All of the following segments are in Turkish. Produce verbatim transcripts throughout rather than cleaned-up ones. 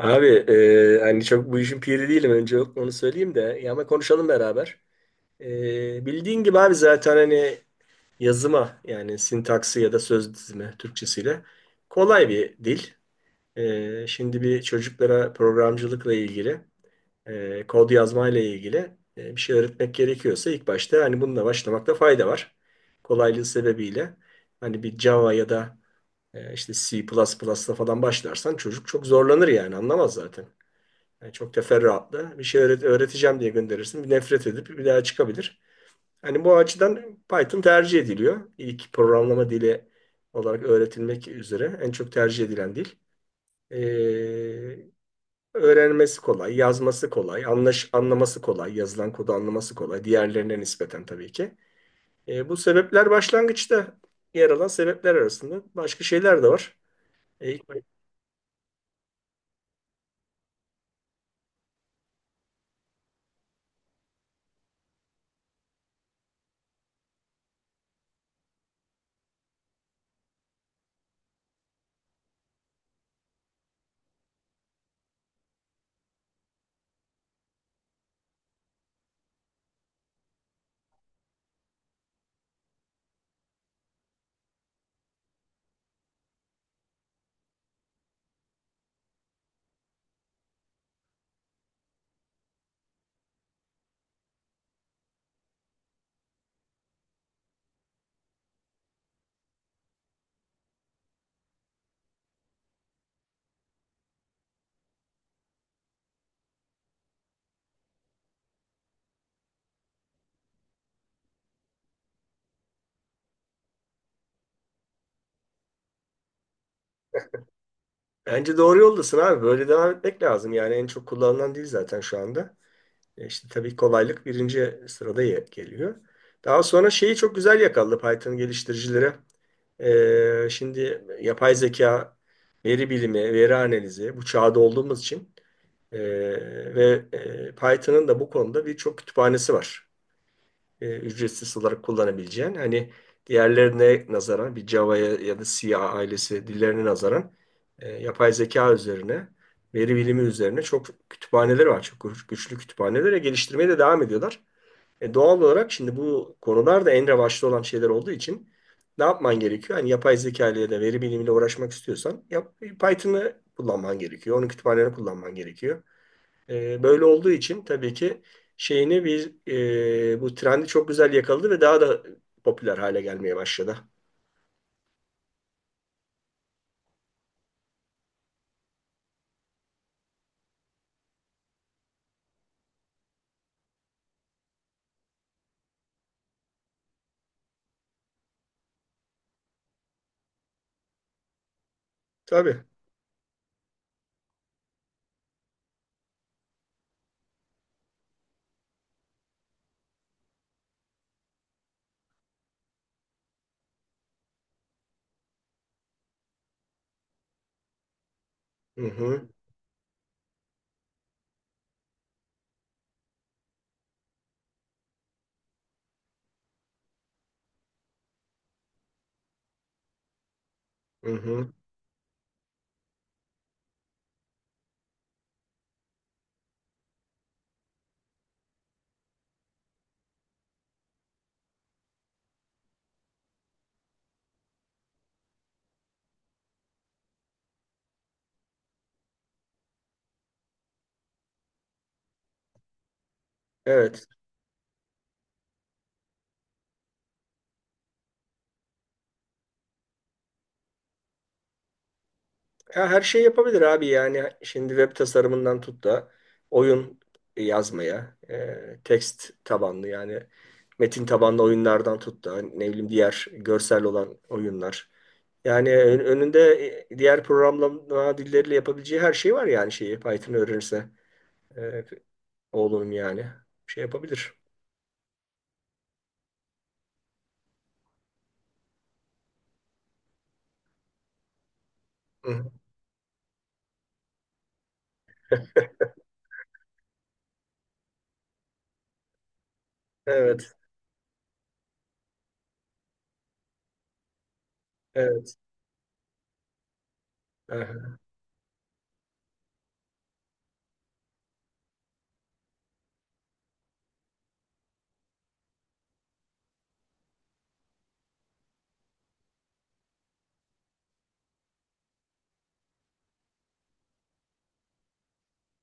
Abi e, hani çok bu işin piri değilim önce onu söyleyeyim de ya ama konuşalım beraber. E, bildiğin gibi abi zaten hani yazıma yani sintaksi ya da söz dizimi Türkçesiyle kolay bir dil. E, şimdi bir çocuklara programcılıkla ilgili e, kod yazmayla ilgili e, bir şey öğretmek gerekiyorsa ilk başta hani bununla başlamakta fayda var. Kolaylığı sebebiyle hani bir Java ya da e, işte C++'la falan başlarsan çocuk çok zorlanır yani anlamaz zaten. Yani çok teferruatlı. Bir şey öğret- öğreteceğim diye gönderirsin. Bir nefret edip bir daha çıkabilir. Hani bu açıdan Python tercih ediliyor. İlk programlama dili olarak öğretilmek üzere en çok tercih edilen dil. Ee, Öğrenmesi kolay, yazması kolay, anlaş anlaması kolay, yazılan kodu anlaması kolay. Diğerlerine nispeten tabii ki. Ee, bu sebepler başlangıçta yer alan sebepler arasında. Başka şeyler de var. Ee, Bence doğru yoldasın abi. Böyle devam etmek lazım. Yani en çok kullanılan dil zaten şu anda. E, İşte tabii kolaylık birinci sırada ye- geliyor. Daha sonra şeyi çok güzel yakaladı Python geliştiricileri. E, şimdi yapay zeka, veri bilimi, veri analizi bu çağda olduğumuz için e, ve e, Python'ın da bu konuda birçok kütüphanesi var, e, ücretsiz olarak kullanabileceğin, hani diğerlerine nazaran, bir Java'ya ya da C ailesi dillerine nazaran e, yapay zeka üzerine, veri bilimi üzerine çok kütüphaneleri var. Çok güç- güçlü kütüphanelere geliştirmeye de devam ediyorlar. E, doğal olarak şimdi bu konular da en revaçta olan şeyler olduğu için ne yapman gerekiyor? Hani yapay zeka ile ya da veri bilimiyle uğraşmak istiyorsan yap, Python'ı kullanman gerekiyor. Onun kütüphanelerini kullanman gerekiyor. E, böyle olduğu için tabii ki şeyini bir e, bu trendi çok güzel yakaladı ve daha da popüler hale gelmeye başladı. Tabii. Hı hı. Hı hı. Evet. Ya her şey yapabilir abi, yani şimdi web tasarımından tut da oyun yazmaya, e, tekst tabanlı yani metin tabanlı oyunlardan tut da, ne bileyim, diğer görsel olan oyunlar. Yani ön- önünde e, diğer programlama dilleriyle yapabileceği her şey var yani şeyi, Python öğrenirse. Oğlunun yani. Şey yapabilir. Hı hı. Evet, evet. Aha.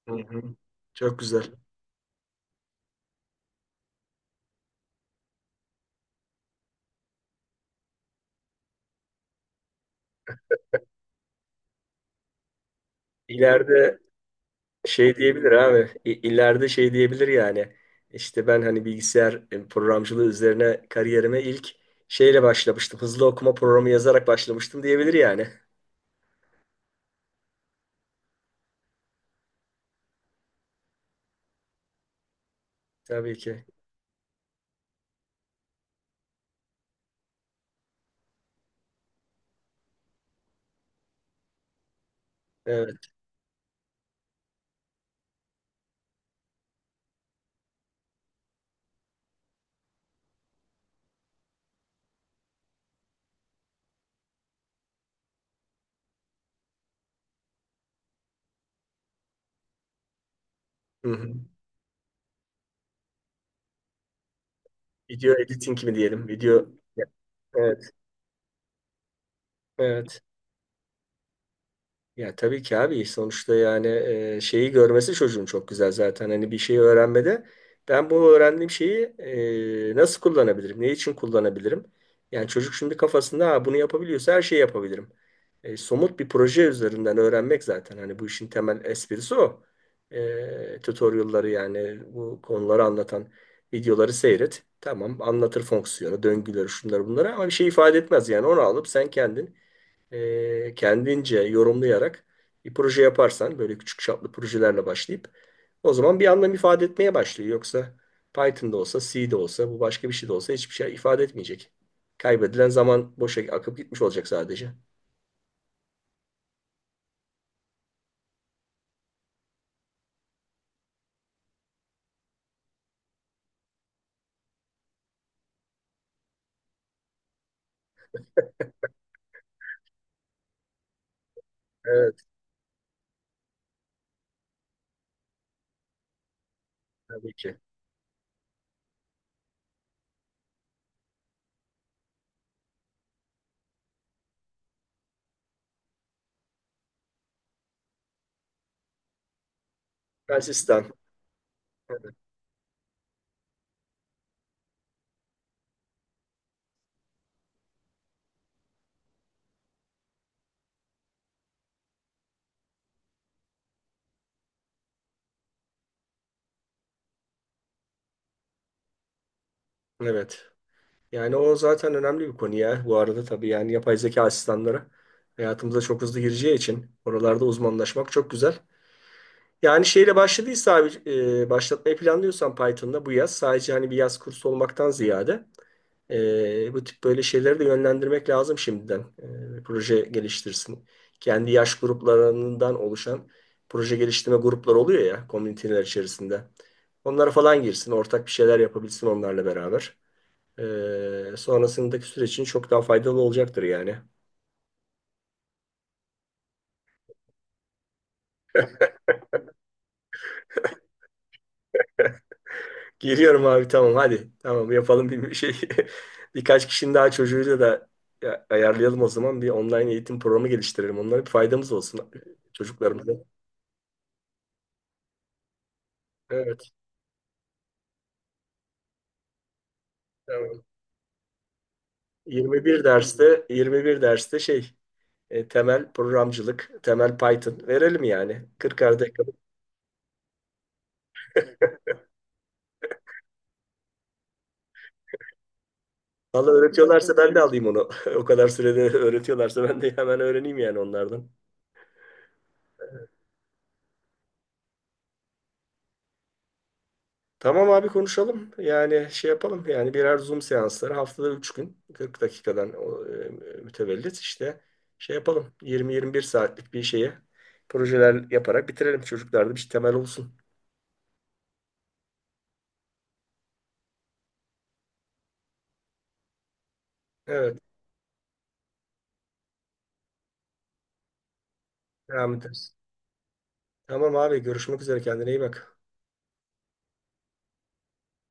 Hı hı. Çok güzel. İleride şey diyebilir abi. İ- İleride şey diyebilir yani. İşte ben hani bilgisayar e, programcılığı üzerine kariyerime ilk şeyle başlamıştım. Hızlı okuma programı yazarak başlamıştım diyebilir yani. Tabii ki. Evet. Hı hı. Video editing mi diyelim? Video. Evet. Evet. Ya tabii ki abi, sonuçta yani e, şeyi görmesi çocuğun çok güzel zaten, hani bir şeyi öğrenmede ben bu öğrendiğim şeyi e, nasıl kullanabilirim, ne için kullanabilirim, yani çocuk şimdi kafasında ha, bunu yapabiliyorsa her şeyi yapabilirim. E, somut bir proje üzerinden öğrenmek zaten hani bu işin temel esprisi. O e, tutorialları, yani bu konuları anlatan videoları seyret, tamam, anlatır fonksiyonu, döngüleri, şunları bunları ama bir şey ifade etmez yani. Onu alıp sen kendin e, kendince yorumlayarak bir proje yaparsan, böyle küçük çaplı projelerle başlayıp, o zaman bir anlam ifade etmeye başlıyor. Yoksa Python'da olsa, C'de olsa, bu başka bir şey de olsa hiçbir şey ifade etmeyecek. Kaybedilen zaman boşa akıp gitmiş olacak sadece. Evet, tabii ki. Asistan. Evet. Yani o zaten önemli bir konu ya. Bu arada tabii yani yapay zeka asistanları hayatımıza çok hızlı gireceği için oralarda uzmanlaşmak çok güzel. Yani şeyle başladıysa abi, e, başlatmayı planlıyorsan Python'da bu yaz, sadece hani bir yaz kursu olmaktan ziyade e, bu tip böyle şeyleri de yönlendirmek lazım şimdiden. E, proje geliştirsin. Kendi yaş gruplarından oluşan proje geliştirme grupları oluyor ya komüniteler içerisinde. Onlara falan girsin, ortak bir şeyler yapabilsin onlarla beraber. E, sonrasındaki süreç için çok daha faydalı olacaktır yani. Geliyorum abi, tamam hadi. Tamam, yapalım bir şey. Birkaç kişinin daha çocuğuyla da ya- ayarlayalım o zaman. Bir online eğitim programı geliştirelim. Onlara bir faydamız olsun, çocuklarımıza. Evet, tamam. Yirmi bir derste, yirmi bir derste şey, e, temel programcılık, temel Python verelim yani. kırkar dakika. Valla öğretiyorlarsa ben de alayım onu. O kadar sürede öğretiyorlarsa ben de hemen öğreneyim yani onlardan. Tamam abi, konuşalım. Yani şey yapalım. Yani birer Zoom seansları, haftada üç gün kırk dakikadan, o e, mütevellit işte şey yapalım. yirmi yirmi bir saatlik bir şeye projeler yaparak bitirelim. Çocuklarda bir şey temel olsun. Evet. Devam ederiz. Tamam abi, görüşmek üzere, kendine iyi bak.